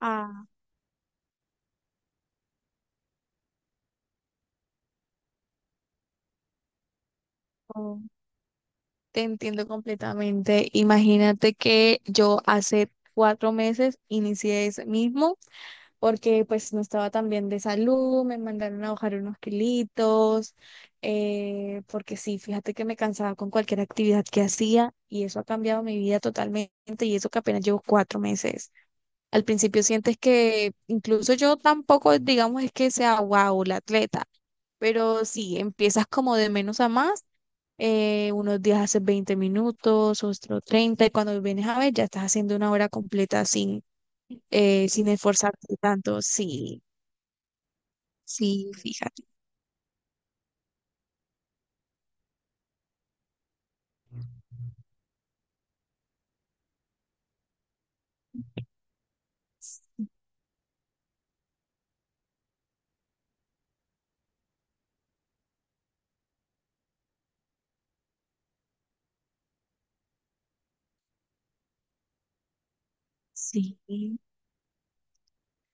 Ah, oh, te entiendo completamente. Imagínate que yo hace 4 meses inicié ese mismo porque pues no estaba tan bien de salud, me mandaron a bajar unos kilitos, porque sí, fíjate que me cansaba con cualquier actividad que hacía y eso ha cambiado mi vida totalmente y eso que apenas llevo 4 meses. Al principio sientes que incluso yo tampoco, digamos, es que sea wow, la atleta. Pero sí, empiezas como de menos a más, unos días haces 20 minutos, otros 30, y cuando vienes a ver ya estás haciendo una hora completa sin esforzarte tanto. Sí, sí, fíjate, sí.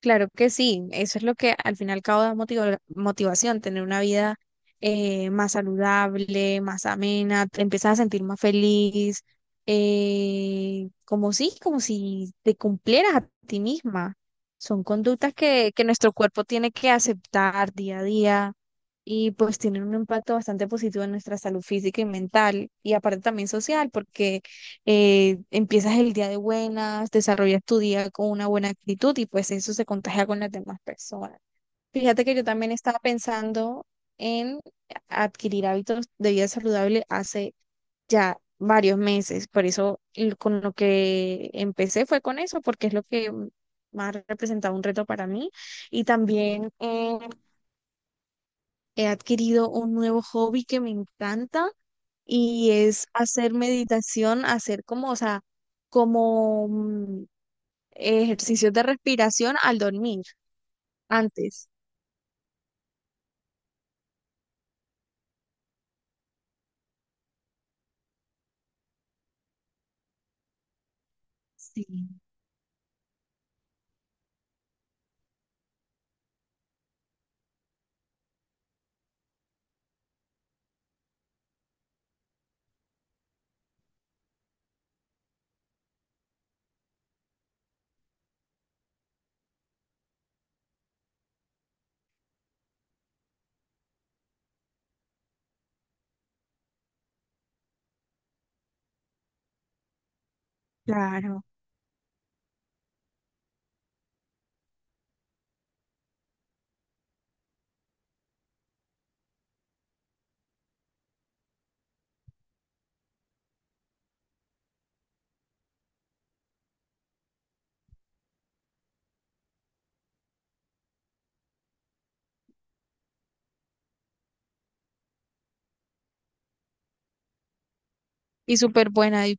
Claro que sí, eso es lo que al fin y al cabo da motivación, tener una vida, más saludable, más amena, te empiezas a sentir más feliz, como si te cumplieras a ti misma. Son conductas que nuestro cuerpo tiene que aceptar día a día y pues tienen un impacto bastante positivo en nuestra salud física y mental y aparte también social, porque empiezas el día de buenas, desarrollas tu día con una buena actitud y pues eso se contagia con las demás personas. Fíjate que yo también estaba pensando en adquirir hábitos de vida saludable hace ya varios meses, por eso con lo que empecé fue con eso, porque es lo que más representaba un reto para mí, y también he adquirido un nuevo hobby que me encanta y es hacer meditación, hacer como, o sea, como ejercicios de respiración al dormir antes. Sí, claro. Y súper buena, y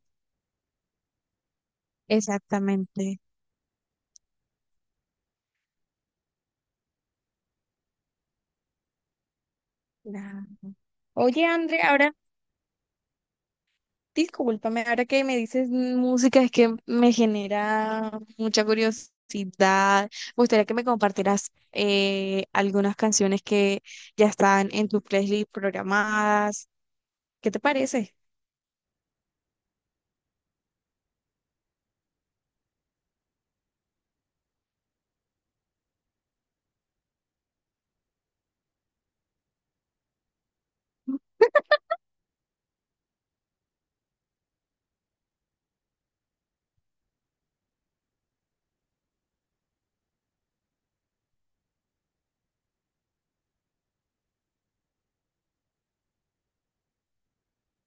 exactamente. Claro. Oye, André, ahora, discúlpame, ahora que me dices música, es que me genera mucha curiosidad. Me gustaría que me compartieras, algunas canciones que ya están en tu playlist programadas. ¿Qué te parece?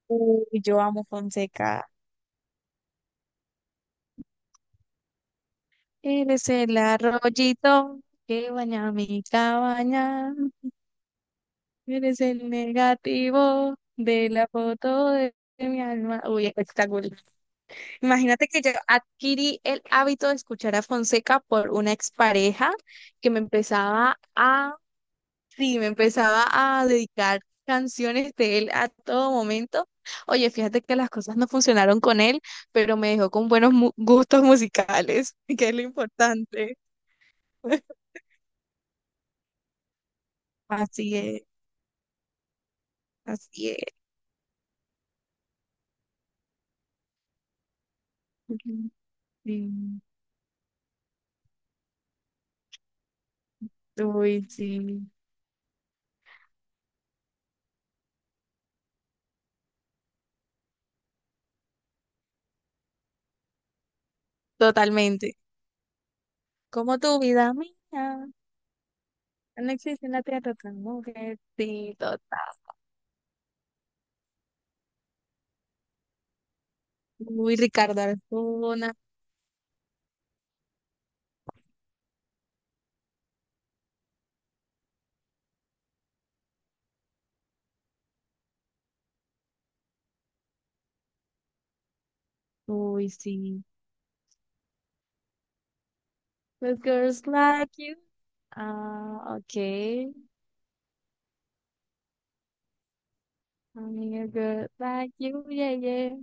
Uy, yo amo Fonseca. Eres el arroyito que baña mi cabaña. Eres el negativo de la foto de mi alma. Uy, espectacular. Imagínate que yo adquirí el hábito de escuchar a Fonseca por una expareja que me empezaba. Sí, me empezaba a dedicar canciones de él a todo momento. Oye, fíjate que las cosas no funcionaron con él, pero me dejó con buenos gustos musicales, que es lo importante. Así es, así es. Ujú, sí. Uy, sí, totalmente. Como tu vida mía, no existe en la tierra otra mujer. Sí, total. Uy, Ricardo Arjona. Uy, sí. Those girls like you. Ah, ok. Amiga, vaya, oye.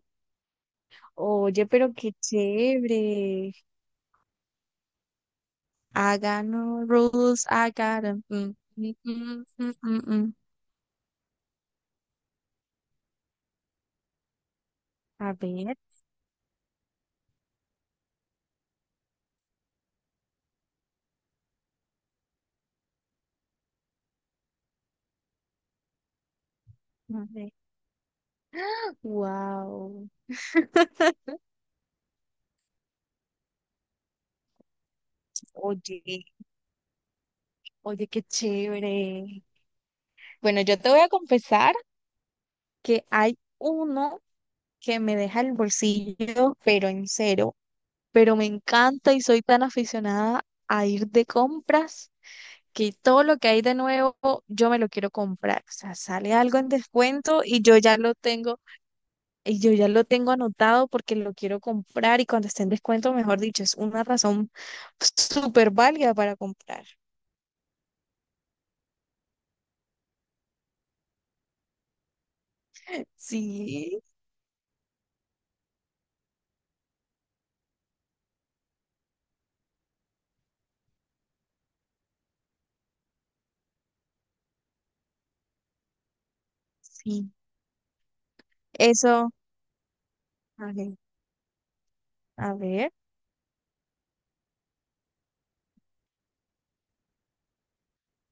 Oye, pero qué chévere. I got no rules, I got 'em. Mm, mm, mm, mm, mm, mm. A ver, a ver. Wow. Oye, oye, qué chévere. Bueno, yo te voy a confesar que hay uno que me deja el bolsillo, pero en cero. Pero me encanta y soy tan aficionada a ir de compras que todo lo que hay de nuevo yo me lo quiero comprar. O sea, sale algo en descuento y yo ya lo tengo, y yo ya lo tengo anotado porque lo quiero comprar, y cuando esté en descuento, mejor dicho, es una razón súper válida para comprar. Sí, sí, eso. A ver, a ver.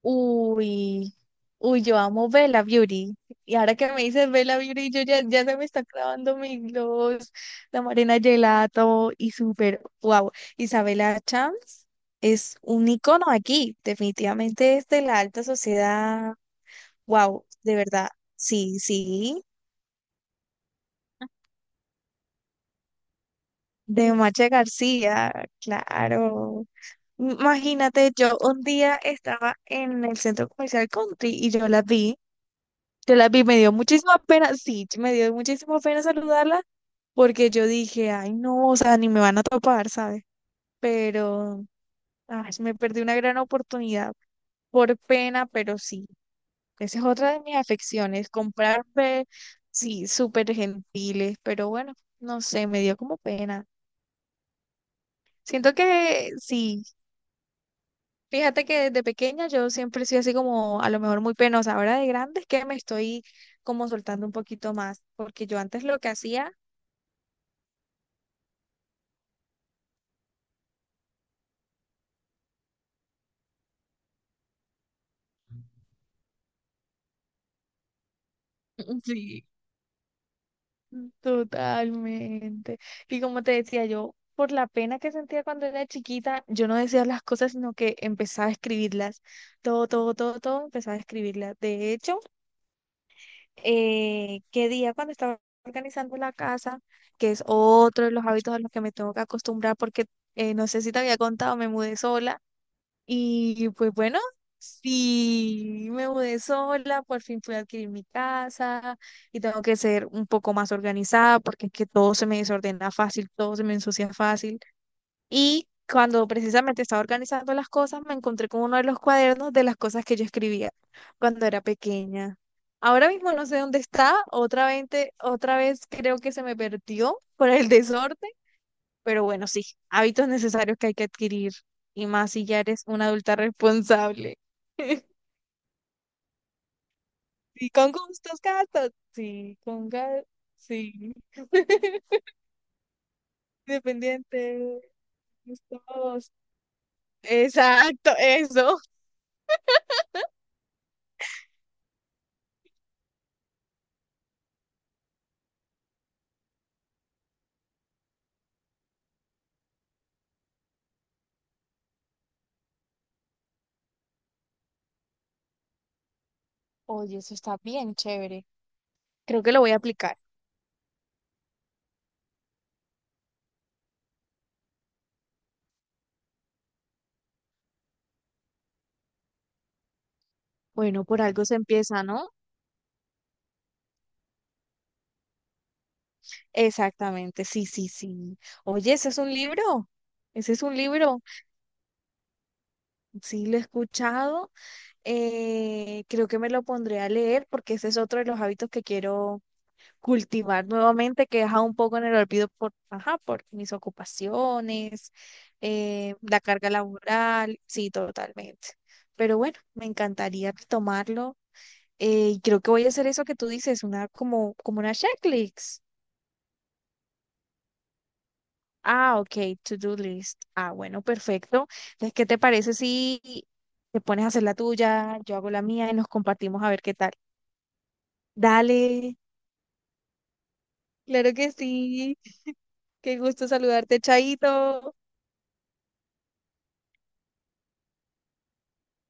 Uy, uy, yo amo Bella Beauty. Y ahora que me dices Bella Beauty, yo ya, ya se me está clavando mi gloss, la Marina Gelato y súper, wow. Isabela Chams es un icono aquí, definitivamente es de la alta sociedad, wow, de verdad. Sí, sí, de Macha García, claro. Imagínate, yo un día estaba en el centro comercial Country y yo la vi. Yo la vi, me dio muchísima pena, sí, me dio muchísima pena saludarla porque yo dije, ay, no, o sea, ni me van a topar, ¿sabes? Pero, ay, me perdí una gran oportunidad por pena, pero sí, esa es otra de mis afecciones, comprar, sí, súper gentiles, pero bueno, no sé, me dio como pena. Siento que sí, fíjate que desde pequeña yo siempre he sido así como a lo mejor muy penosa, ahora de grande es que me estoy como soltando un poquito más, porque yo antes lo que hacía sí, totalmente. Y como te decía yo, por la pena que sentía cuando era chiquita, yo no decía las cosas, sino que empezaba a escribirlas. Todo, todo, todo, todo empezaba a escribirlas. De hecho, qué día cuando estaba organizando la casa, que es otro de los hábitos a los que me tengo que acostumbrar, porque no sé si te había contado, me mudé sola. Y pues bueno, sí me mudé sola, por fin pude adquirir mi casa y tengo que ser un poco más organizada porque es que todo se me desordena fácil, todo se me ensucia fácil. Y cuando precisamente estaba organizando las cosas, me encontré con uno de los cuadernos de las cosas que yo escribía cuando era pequeña. Ahora mismo no sé dónde está, otra vez creo que se me perdió por el desorden, pero bueno, sí, hábitos necesarios que hay que adquirir, y más si ya eres una adulta responsable. Sí, con gustos, gastos. Sí, con gas, sí. Dependiente, gustos. Exacto, eso. Oye, eso está bien chévere. Creo que lo voy a aplicar. Bueno, por algo se empieza, ¿no? Exactamente, sí, sí, sí. Oye, ese es un libro. Ese es un libro. Sí, lo he escuchado, creo que me lo pondré a leer porque ese es otro de los hábitos que quiero cultivar nuevamente, que he dejado un poco en el olvido por, ajá, por mis ocupaciones, la carga laboral, sí, totalmente. Pero bueno, me encantaría retomarlo. Y creo que voy a hacer eso que tú dices, una como, como una checklist. Ah, ok, to-do list. Ah, bueno, perfecto. Entonces, ¿qué te parece si te pones a hacer la tuya, yo hago la mía y nos compartimos a ver qué tal? Dale, claro que sí. Qué gusto saludarte, Chaito.